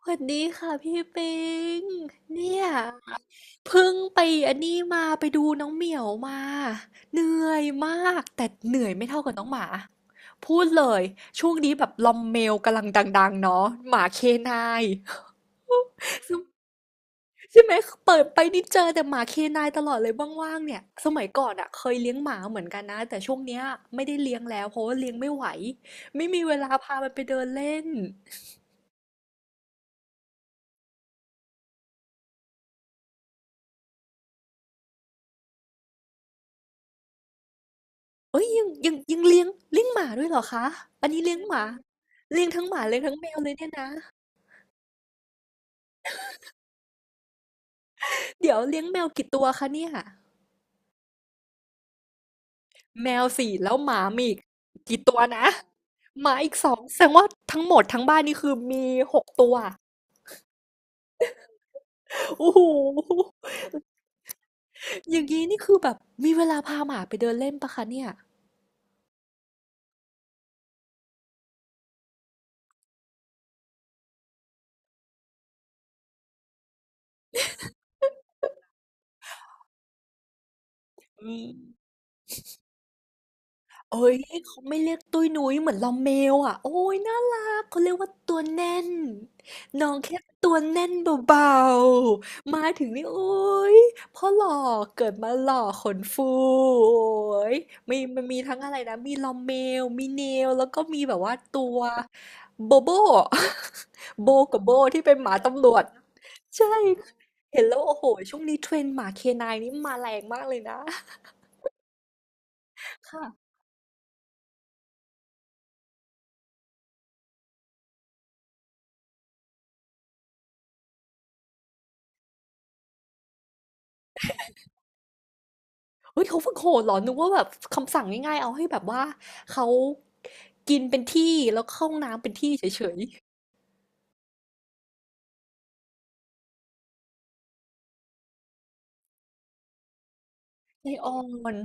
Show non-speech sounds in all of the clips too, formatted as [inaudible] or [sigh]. สวัสดีค่ะพี่ปิงเนี่ยเพิ่งไปอันนี้มาไปดูน้องเหมียวมาเหนื่อยมากแต่เหนื่อยไม่เท่ากับน้องหมาพูดเลยช่วงนี้แบบลอมเมลกำลังดังๆเนาะหมาเคนายซึ่งใช่ไหมเปิดไปนี่เจอแต่หมาเคนายตลอดเลยว่างๆเนี่ยสมัยก่อนอะเคยเลี้ยงหมาเหมือนกันนะแต่ช่วงเนี้ยไม่ได้เลี้ยงแล้วเพราะว่าเลี้ยงไม่ไหวไม่มีเวลาพามันไปเดินเล่น เอ้ยยังยังยังเลี้ยงเลี้ยงหมาด้วยเหรอคะอันนี้เลี้ยงหมาเลี้ยงทั้งหมาเลี้ยงทั้งแมวเลยเนี่ยนะเดี๋ยวเลี้ยงแมวกี่ตัวคะเนี่ยแมวสี่แล้วหมามีอีกกี่ตัวนะหมาอีกสองแสดงว่าทั้งหมดทั้งบ้านนี่คือมีหกตัวโอ้โหอย่างนี้นี่คือแบบมีเวลาพาหมาไปเดินเล่นปะคะเนี่ยอืม เอ้ยเขาไม่เรียกตุ้ยนุ้ยเหมือนเราเมลอ่ะโอ้ยน่ารักเขาเรียกว่าตัวแน่นน้องแค่ตัวแน่นเบาๆมาถึงนี่โอ้ยพ่อหล่อเกิดมาหล่อขนฟูโอ้ยมีมันมีทั้งอะไรนะมีลอมเมลมีเนลแล้วก็มีแบบว่าตัวโบโบ [laughs] โบกับโบที่เป็นหมาตำรวจใช่เห็นแล้วโอ้โหช่วงนี้เทรนด์หมาเคนายนี่มาแรงมากเลยนะค่ะ เฮ้ยเขาฝึกโหดเหรอนึกว่าแบบคำสั่งง่ายๆเอาให้แบบว่าเขากินเป็นที่แล้วเข้าห้องน้ำเป็นที่เฉยๆใจอ่อน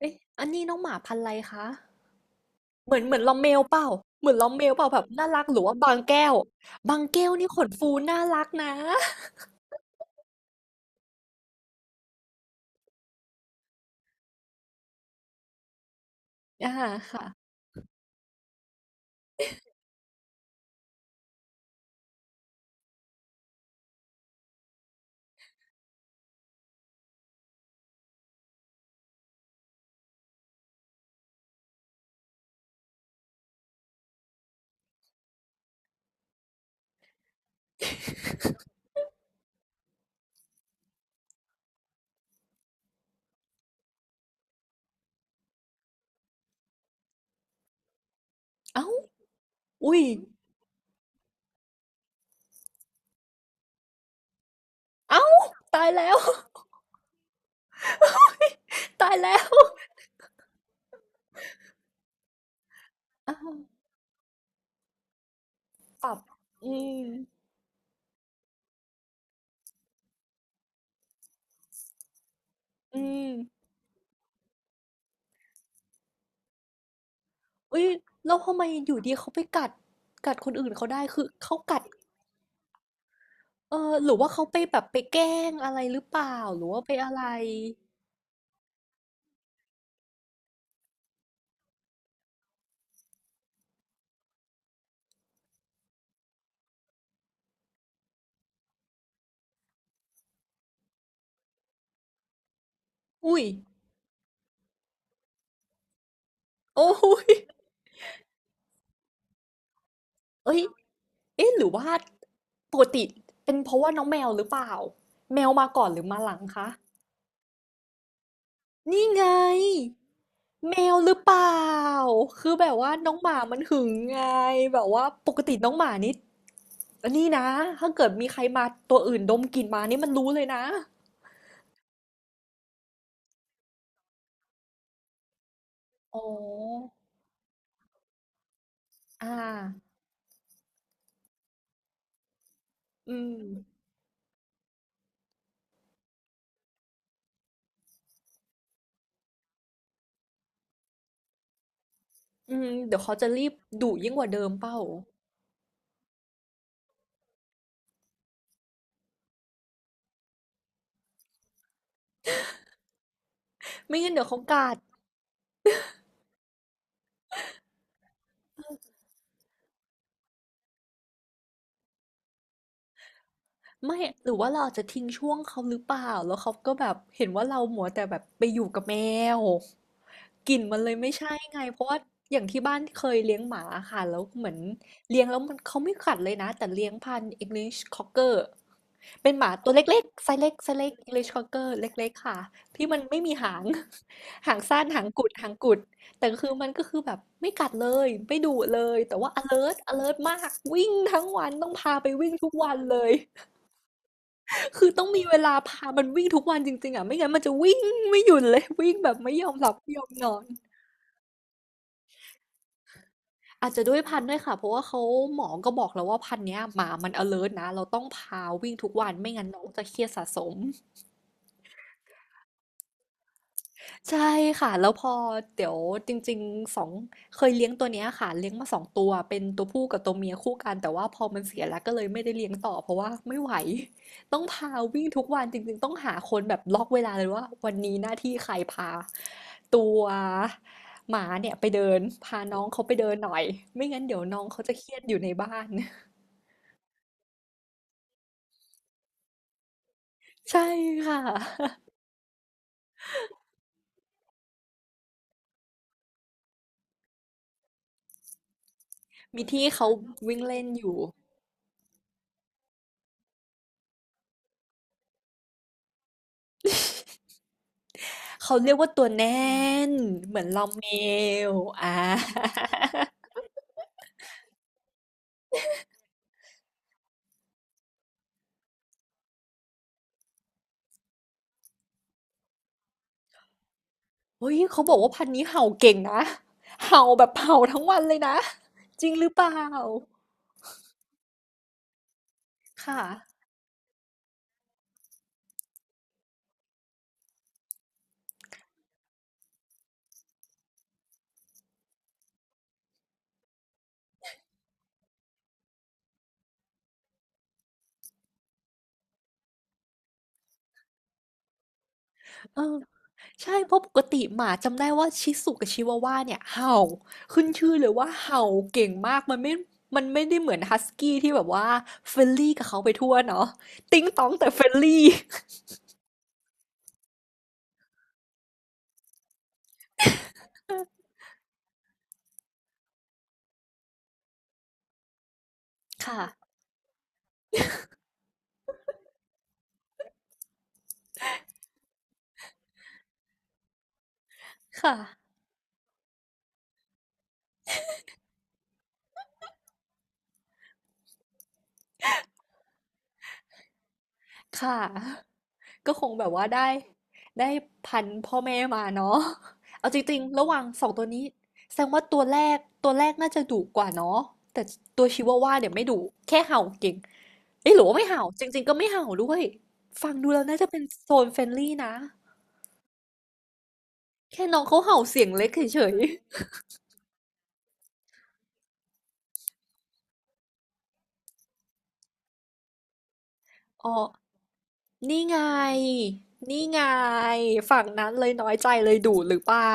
เอ๊ะอันนี้น้องหมาพันธุ์อะไรคะเหมือนเหมือนลอมเมลเปล่าเหมือนลอมเมลเปล่าแบบน่ารักหรือว่าบางแก้วบางแก้วนี่ขนฟูน่ารักนะ [laughs] อ่าค่ะเอ้าอุ้ยเอ้าตายแล้ว [laughs] ตายแล้ว [laughs] อ้าวปรับอืมอืมอุ้ยแล้วทำไมอยู่ดีเขาไปกัดกัดคนอื่นเขาได้คือเขากัด เออหรือว่าเขาไปแบบไปแกล้งอะไรหรือเปล่าหรือว่าไปอะไรอุ้ยโอ้ยเอ้ยเอ๊ะหรือว่าปกติเป็นเพราะว่าน้องแมวหรือเปล่าแมวมาก่อนหรือมาหลังคะนี่ไงแมวหรือเปล่าคือแบบว่าน้องหมามันหึงไงแบบว่าปกติน้องหมานี่อันนี่นะถ้าเกิดมีใครมาตัวอื่นดมกลิ่นมานี่มันรู้เลยนะอ๋ออ่าอืมอืมเดี๋ยวเขาจะรีบดุยิ่งกว่าเดิมเปล่า ไม่งั้นเดี๋ยวเขากัด ไม่หรือว่าเราอาจจะทิ้งช่วงเขาหรือเปล่า แล้วเขาก็แบบเห็นว่าเรามัวแต่แบบไปอยู่กับแมวกลิ่นมันเลยไม่ใช่ไงเพราะว่าอย่างที่บ้านเคยเลี้ยงหมาค่ะแล้วเหมือนเลี้ยงแล้วมันเขาไม่กัดเลยนะแต่เลี้ยงพันธุ์ English Cocker เป็นหมาตัวเล็กๆไซส์เล็กไซส์เล็ก English Cocker เล็กๆค่ะที่มันไม่มีหาง [laughs] หางสั้นหางกุดหางกุดแต่คือมันก็คือแบบไม่กัดเลยไม่ดุเลยแต่ว่า alert alert มากวิ่งทั้งวันต้องพาไปวิ่งทุกวันเลย คือต้องมีเวลาพามันวิ่งทุกวันจริงๆอ่ะไม่งั้นมันจะวิ่งไม่หยุดเลย [laughs] วิ่งแบบไม่ยอมหลับไม่ยอมนอน อาจจะด้วยพันธุ์ด้วยค่ะเพราะว่าเขาหมอก็บอกแล้วว่าพันธุ์เนี้ยหมามัน alert นะเราต้องพาวิ่งทุกวัน ไม่งั้นน้องจะเครียดสะสม ใช่ค่ะแล้วพอเดี๋ยวจริงๆสองเคยเลี้ยงตัวเนี้ยค่ะเลี้ยงมาสองตัวเป็นตัวผู้กับตัวเมียคู่กันแต่ว่าพอมันเสียแล้วก็เลยไม่ได้เลี้ยงต่อเพราะว่าไม่ไหวต้องพาวิ่งทุกวันจริงๆต้องหาคนแบบล็อกเวลาเลยว่าวันนี้หน้าที่ใครพาตัวหมาเนี่ยไปเดินพาน้องเขาไปเดินหน่อยไม่งั้นเดี๋ยวน้องเขาจะเครียดอยู่ในบ้าน [laughs] ใช่ค่ะมีที่เขาวิ่งเล่นอยู่ เขาเรียกว่าตัวแน่นเหมือนลอมเมลอ่า [laughs] เฮ้ยเขาบอกว่าพันธุ์นี้เห่าเก่งนะ เห่าแบบเห่าทั้งวันเลยนะจริงหรือเปล่า ค่ะเออใช่เพราะปกติหมาจำได้ว่าชิสุกับชิวาว่าเนี่ยเห่าขึ้นชื่อเลยว่าเห่าเก่งมากมันไม่ได้เหมือนฮัสกี้ที่แบบว่าเฟรนลี่กับเขาไปทั่วเนาะติ๊งต้องแต่เฟรนลี่ [laughs] ค่ะ ค่ะ ค่ะ ก็คงแบบว่าได้ได้พันธุ์พ่อแม่มาเนาะ [laughs] เอาจริงๆระหว่างสองตัวนี้แสดงว่าตัวแรกตัวแรกน่าจะดุกว่าเนาะ แต่ตัวชิวาว่าเนี่ยไม่ดุแค่เห่าเก่งเอ้ยหรือว่าไม่เห่าจริงๆก็ไม่เห่าด้วยฟังดูแล้วน่าจะเป็นโซนเฟรนลี่นะแค่น้องเขาเห่าเสียงเล็กเฉยๆ [laughs] อ๋อนี่ไงนี่ไงฝั่งนั้นเลยน้อยใจเลยดุหรือเปล่า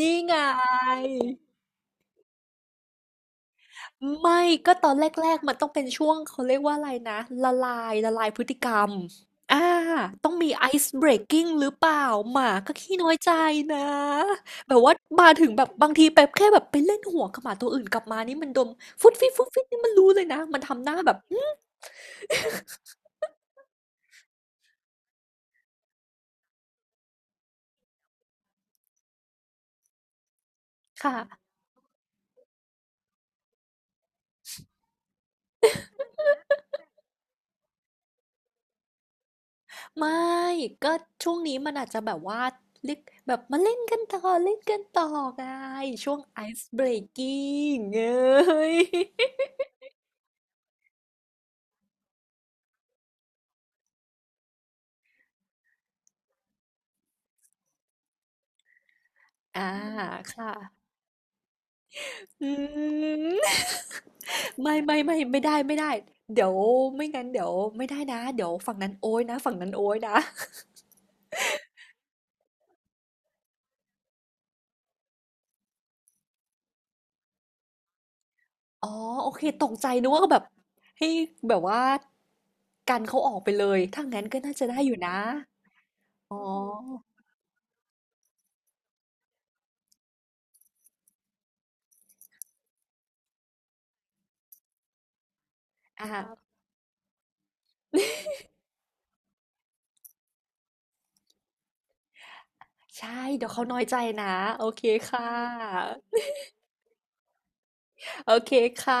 นี่ไง ไม่ก็ตอนแรกๆมันต้องเป็นช่วงเขาเรียกว่าอะไรนะละลายละลายพฤติกรรมอ่าต้องมี ice breaking หรือเปล่าหมาก็ขี้น้อยใจนะแบบว่ามาถึงแบบบางทีแบบแค่แบบไปเล่นหัวกับหมาตัวอื่นกลับมานี่มันดมฟุดฟิดฟุดฟิดนี่มันรู้เลยนะมันทำหน้าแบบอืมค่ะไม่ก็ช่วงนี้มันอาจจะแบบว่าเล็กแบบมาเล่นกันต่อเล่นกันต่อไงช่วง ice breaking เอ้ยอ่าค่ะ อืม [laughs] ไม่ได้เดี๋ยวไม่งั้นเดี๋ยวไม่ได้นะเดี๋ยวฝั่งนั้นโอ้ยนะฝั่งนั้นโอ้ยนะอ๋อโอเคตกใจนึกว่าแบบให้แบบว่ากันเขาออกไปเลยถ้างั้นก็น่าจะได้อยู่นะอ๋ออ่าใช่เดี๋ยวเขาน้อยใจนะโอเคค่ะโอเคค่ะ